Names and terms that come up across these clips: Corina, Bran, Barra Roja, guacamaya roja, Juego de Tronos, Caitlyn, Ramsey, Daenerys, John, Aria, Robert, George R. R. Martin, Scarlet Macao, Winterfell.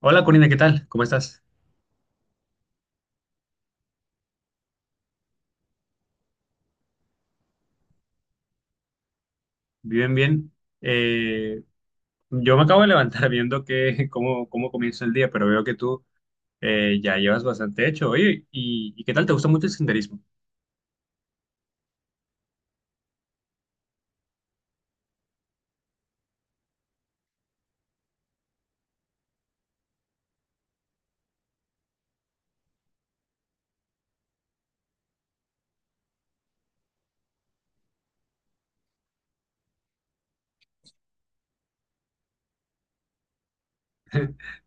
Hola Corina, ¿qué tal? ¿Cómo estás? Bien, bien. Eh, yo me acabo de levantar viendo cómo, cómo comienza el día, pero veo que tú ya llevas bastante hecho. Oye, ¿y qué tal? ¿Te gusta mucho el senderismo?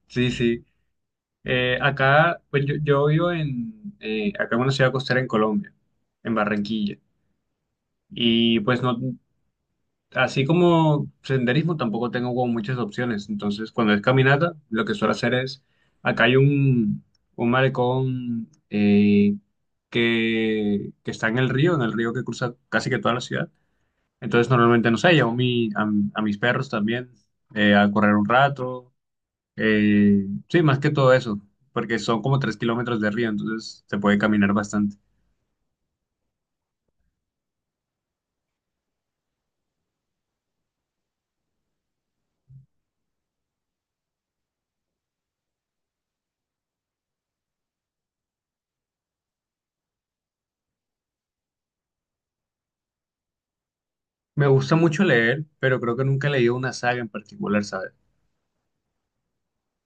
Sí, sí. Acá, pues yo vivo acá en una ciudad costera en Colombia, en Barranquilla. Y pues no, así como senderismo, tampoco tengo como muchas opciones. Entonces, cuando es caminata, lo que suelo hacer es, acá hay un malecón que está en el río que cruza casi que toda la ciudad. Entonces, normalmente, no sé, llevo a mis perros también a correr un rato. Sí, más que todo eso, porque son como 3 kilómetros de río, entonces se puede caminar bastante. Me gusta mucho leer, pero creo que nunca he leído una saga en particular, ¿sabes?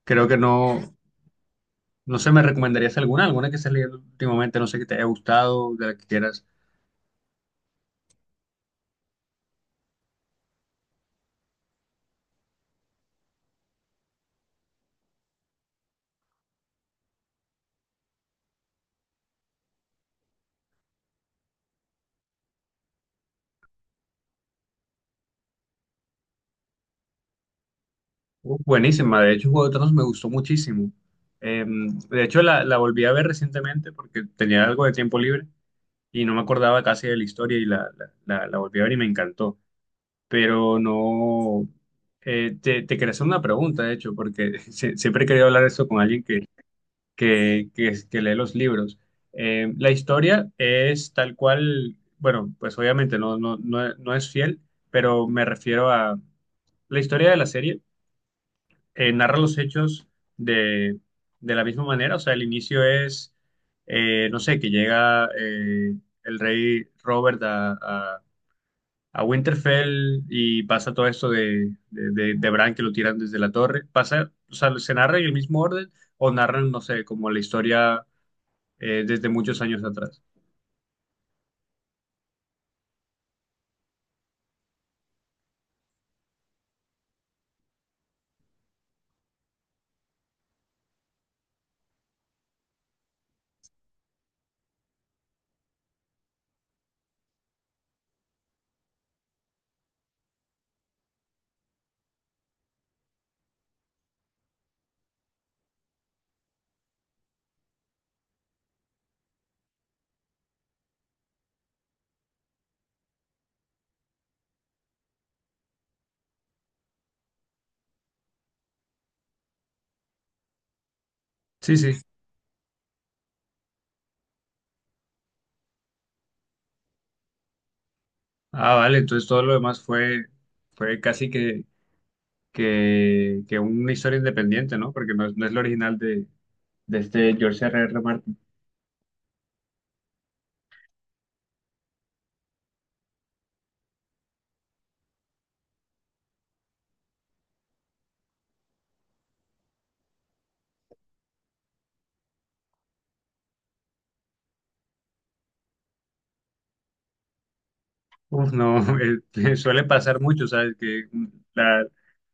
Creo que no. No sé, ¿me recomendarías alguna? ¿Alguna que estés leyendo últimamente? No sé, que te haya gustado, de la que quieras. Buenísima, de hecho, Juego de Tronos me gustó muchísimo. De hecho, la volví a ver recientemente porque tenía algo de tiempo libre y no me acordaba casi de la historia y la volví a ver y me encantó. Pero no... te quería hacer una pregunta, de hecho, porque siempre he querido hablar esto con alguien que que lee los libros. La historia es tal cual, bueno, pues obviamente no es fiel, pero me refiero a la historia de la serie, narra los hechos de, de la misma manera, o sea, el inicio es, no sé, que llega el rey Robert a Winterfell y pasa todo esto de Bran que lo tiran desde la torre, pasa, o sea, se narra en el mismo orden o narran, no sé, como la historia desde muchos años atrás. Sí, sí. Ah, vale, entonces todo lo demás fue, fue casi que una historia independiente, ¿no? Porque no es, no es la original de este George R. R. Martin. Uf, no, suele pasar mucho, ¿sabes? Que la-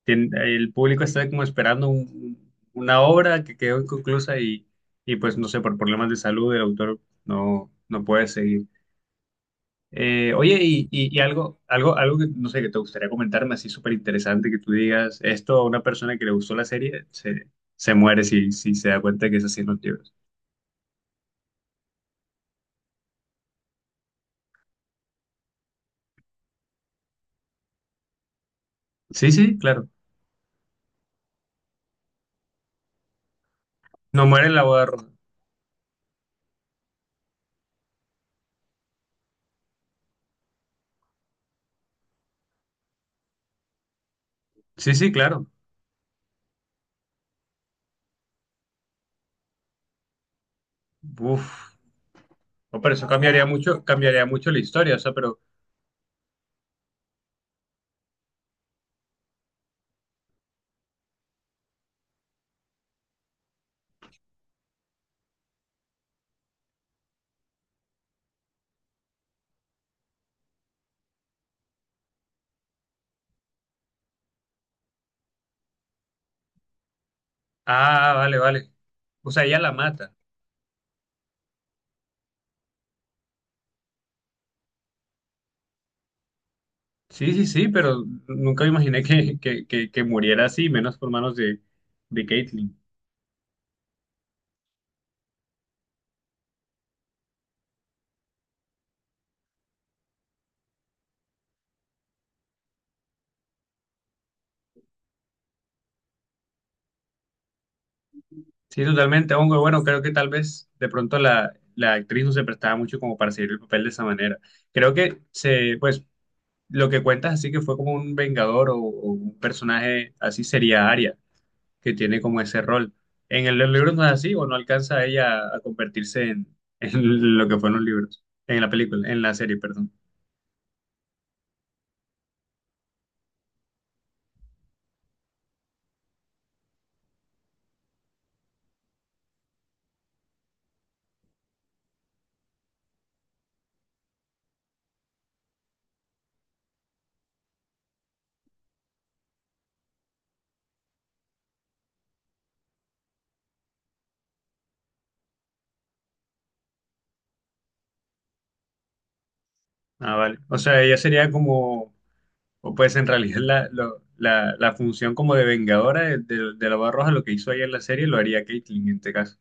el público está como esperando una obra que quedó inconclusa y pues no sé, por problemas de salud el autor no, no puede seguir. Oye, y algo que no sé, que te gustaría comentarme así súper interesante, que tú digas, esto a una persona que le gustó la serie se muere si, si se da cuenta que es así en los libros. Sí, sí, claro. No muere en la boda roja. Sí, sí, claro. Uf. No, pero eso cambiaría mucho la historia, o sea, pero... Ah, vale, vale. O sea, ella la mata. Sí, sí, sí, pero nunca me imaginé que muriera así, menos por manos de Caitlyn. Sí, totalmente, aunque bueno, creo que tal vez de pronto la actriz no se prestaba mucho como para seguir el papel de esa manera. Creo que se, pues, lo que cuentas así que fue como un vengador o un personaje así sería Aria, que tiene como ese rol. Los libro no es así, o no alcanza ella a convertirse en, en lo que fueron los libros, en la película, en la serie, perdón. Ah, vale. O sea, ella sería como, o pues en realidad la función como de vengadora de la Barra Roja, lo que hizo ella en la serie, lo haría Caitlyn en este caso.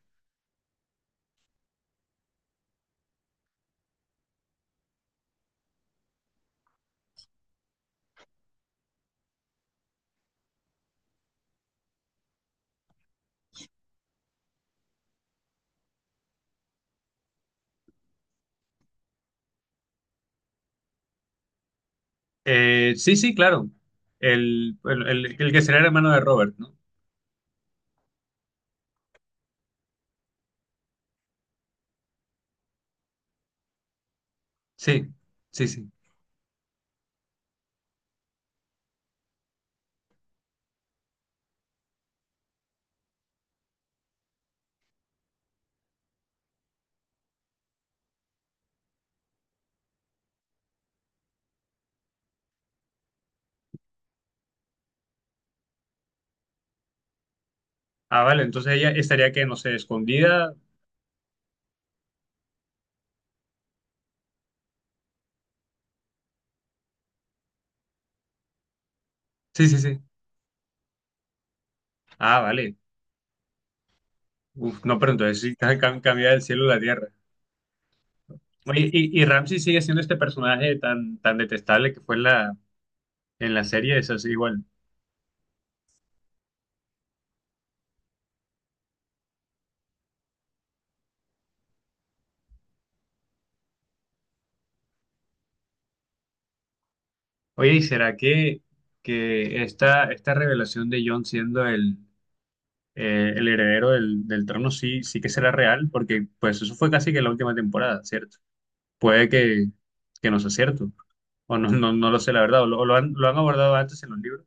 Sí, sí, claro. El que sería el hermano de Robert, ¿no? Sí, sí, sí. Ah, vale, entonces ella estaría que, no sé, escondida. Sí, sí, sí. Ah, vale. Uf, no, pero entonces sí, cambia del cielo a la tierra. Oye, y Ramsey sigue siendo este personaje tan, tan detestable que fue en la serie, eso sí, igual. Oye, ¿y será que esta revelación de John siendo el heredero del, del trono sí, sí que será real? Porque pues eso fue casi que la última temporada, ¿cierto? Puede que no sea cierto, o no, no, no lo sé, la verdad, o lo han abordado antes en los libros.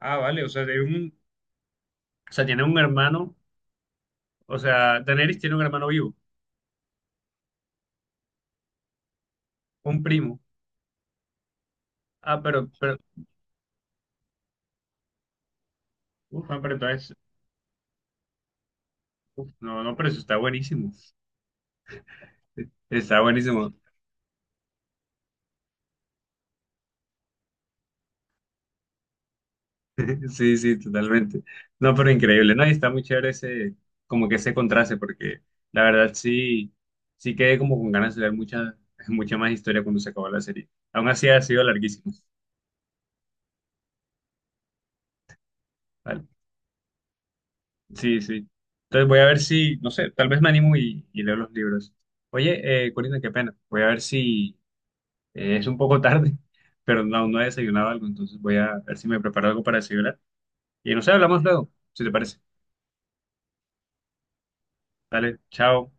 Ah, vale, o sea, tiene un hermano, o sea, Daenerys tiene un hermano vivo, un primo. Ah, pero, uf, ah, pero entonces, uf, no, no, pero eso está buenísimo. Está buenísimo. Sí, sí, totalmente. No, pero increíble, ¿no? Y está muy chévere ese, como que ese contraste, porque la verdad sí, sí quedé como con ganas de ver mucha, mucha más historia cuando se acabó la serie. Aún así ha sido larguísimo. Vale. Sí, sí. Entonces voy a ver si, no sé, tal vez me animo y leo los libros. Oye, Corina, qué pena. Voy a ver si es un poco tarde, pero no, no he desayunado algo, entonces voy a ver si me preparo algo para desayunar. Y no sé, hablamos luego, si te parece. Dale, chao.